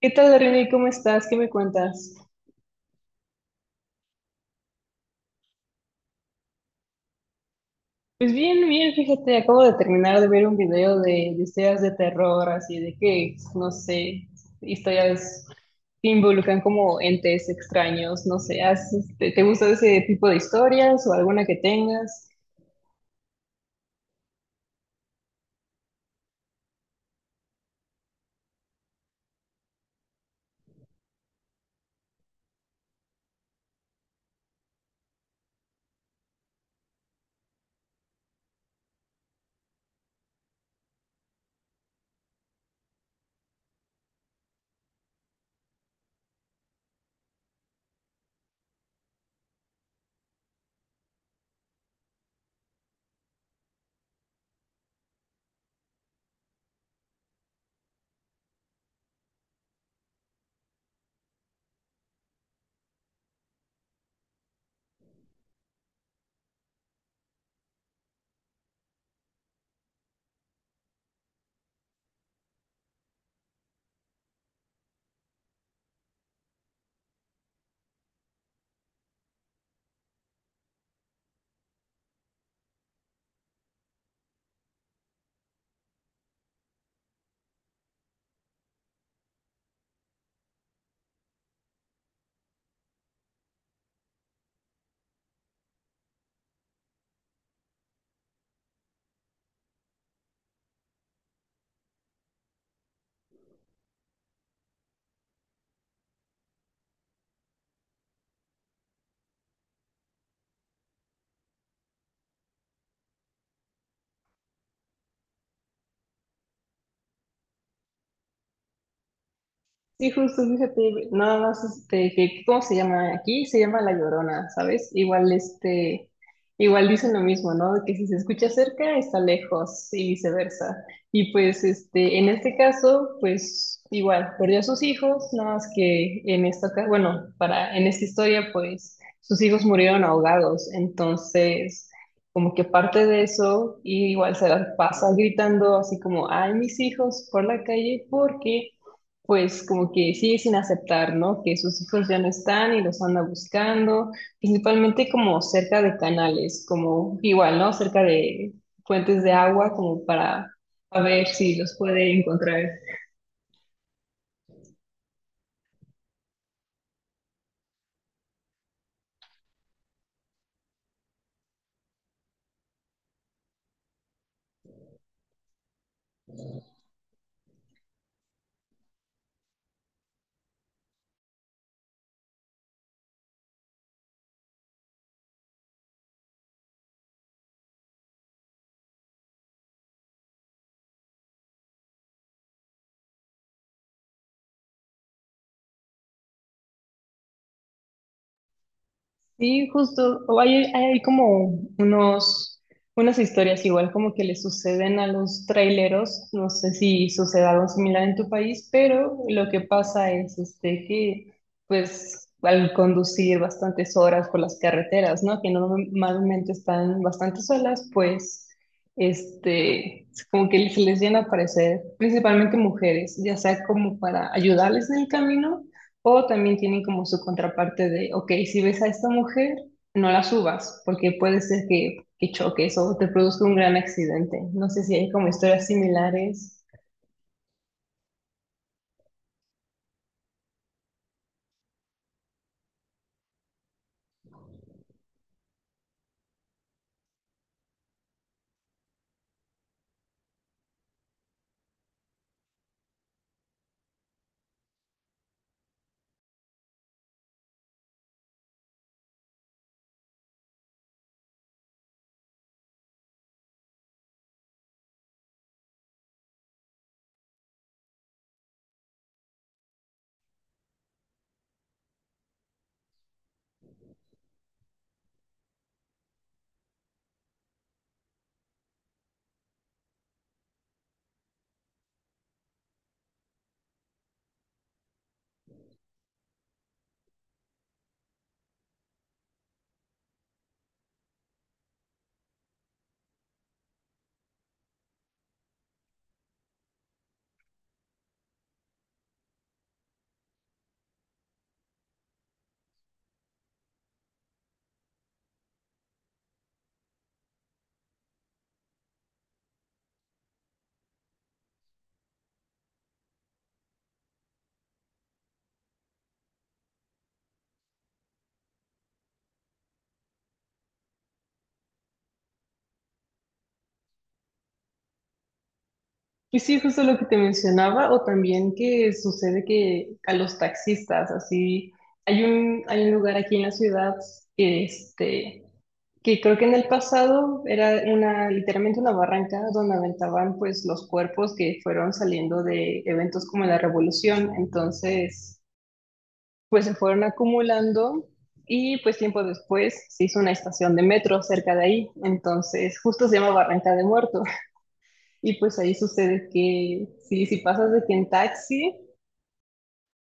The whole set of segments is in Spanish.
¿Qué tal, René? ¿Cómo estás? ¿Qué me cuentas? Pues bien, bien, fíjate, acabo de terminar de ver un video de historias de terror, así de que, no sé, historias que involucran como entes extraños, no sé, ¿Te gusta ese tipo de historias o alguna que tengas? Sí, justo, fíjate, nada más, este, que, ¿cómo se llama? Aquí se llama La Llorona, ¿sabes? Igual, este, igual dicen lo mismo, ¿no? De que si se escucha cerca, está lejos y viceversa. Y pues, este, en este caso, pues, igual, perdió a sus hijos, nada más que en esta, bueno, para, en esta historia, pues, sus hijos murieron ahogados, entonces, como que parte de eso, y igual se las pasa gritando así como, ay, mis hijos, por la calle, porque pues como que sigue sin aceptar, ¿no? Que sus hijos ya no están y los anda buscando, principalmente como cerca de canales, como igual, ¿no? Cerca de fuentes de agua, como para a ver si los puede encontrar. Sí, justo, o hay como unos, unas historias igual como que le suceden a los traileros, no sé si sucede algo similar en tu país, pero lo que pasa es este, que pues al conducir bastantes horas por las carreteras, ¿no? Que normalmente están bastante solas, pues este, como que se les llena a aparecer principalmente mujeres, ya sea como para ayudarles en el camino o también tienen como su contraparte de, ok, si ves a esta mujer, no la subas, porque puede ser que choques o te produzca un gran accidente. No sé si hay como historias similares. Y sí, justo lo que te mencionaba, o también que sucede que a los taxistas, así, hay un lugar aquí en la ciudad que, este, que creo que en el pasado era una, literalmente una barranca donde aventaban pues los cuerpos que fueron saliendo de eventos como la revolución. Entonces pues se fueron acumulando y pues tiempo después se hizo una estación de metro cerca de ahí, entonces justo se llama Barranca de Muerto y pues ahí sucede que si pasas de aquí en taxi,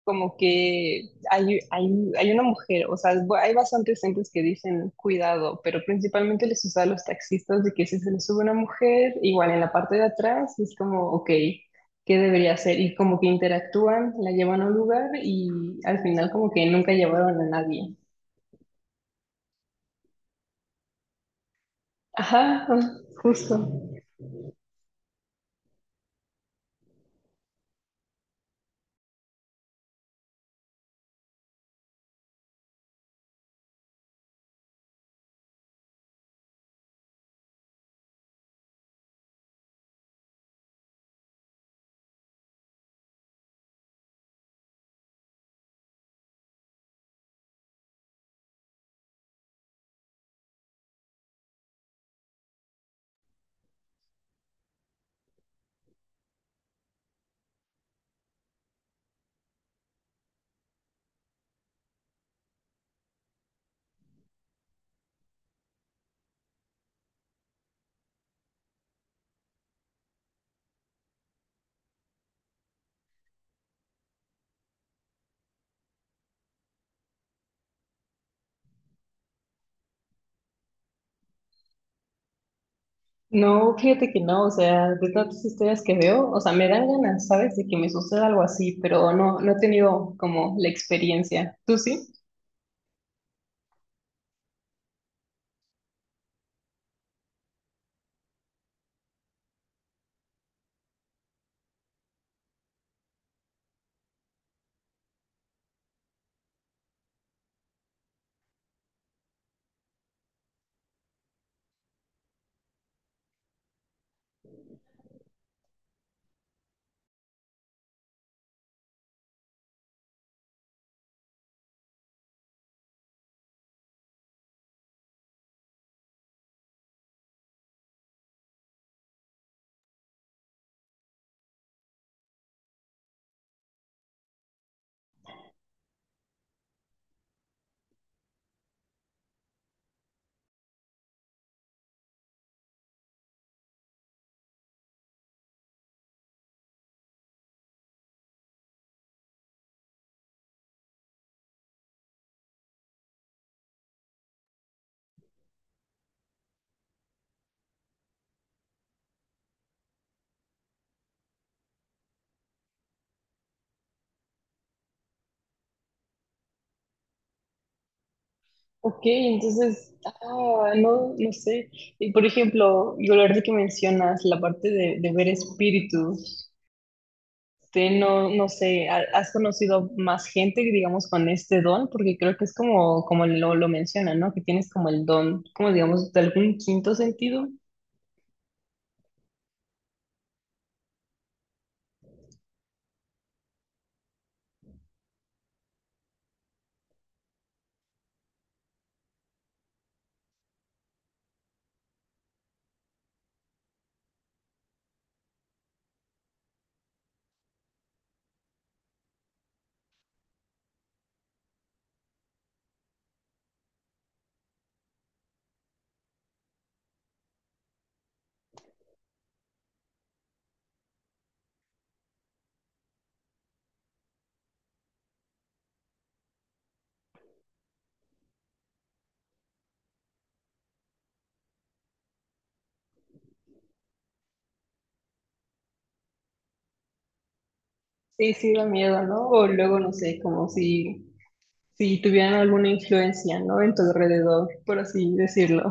como que hay una mujer, o sea, hay bastantes centros que dicen cuidado, pero principalmente les usa a los taxistas de que si se les sube una mujer, igual en la parte de atrás es como, ok, qué debería hacer y como que interactúan, la llevan a un lugar y al final como que nunca llevaron a nadie. Ajá, justo. No, fíjate que no, o sea, de tantas historias que veo, o sea, me dan ganas, ¿sabes? De que me suceda algo así, pero no, no he tenido como la experiencia. ¿Tú sí? Ok, entonces, ah, no, no sé. Y por ejemplo, yo la verdad que mencionas la parte de ver espíritus, te no, no sé, ¿has conocido más gente, digamos, con este don? Porque creo que es como, como lo mencionan, ¿no? Que tienes como el don, como digamos, de algún quinto sentido. Sí, sí da miedo, ¿no? O luego, no sé, como si, si tuvieran alguna influencia, ¿no? En tu alrededor, por así decirlo.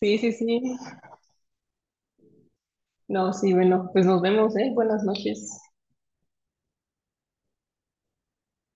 Sí, sí, sí. No, sí, bueno, pues nos vemos, ¿eh? Buenas noches.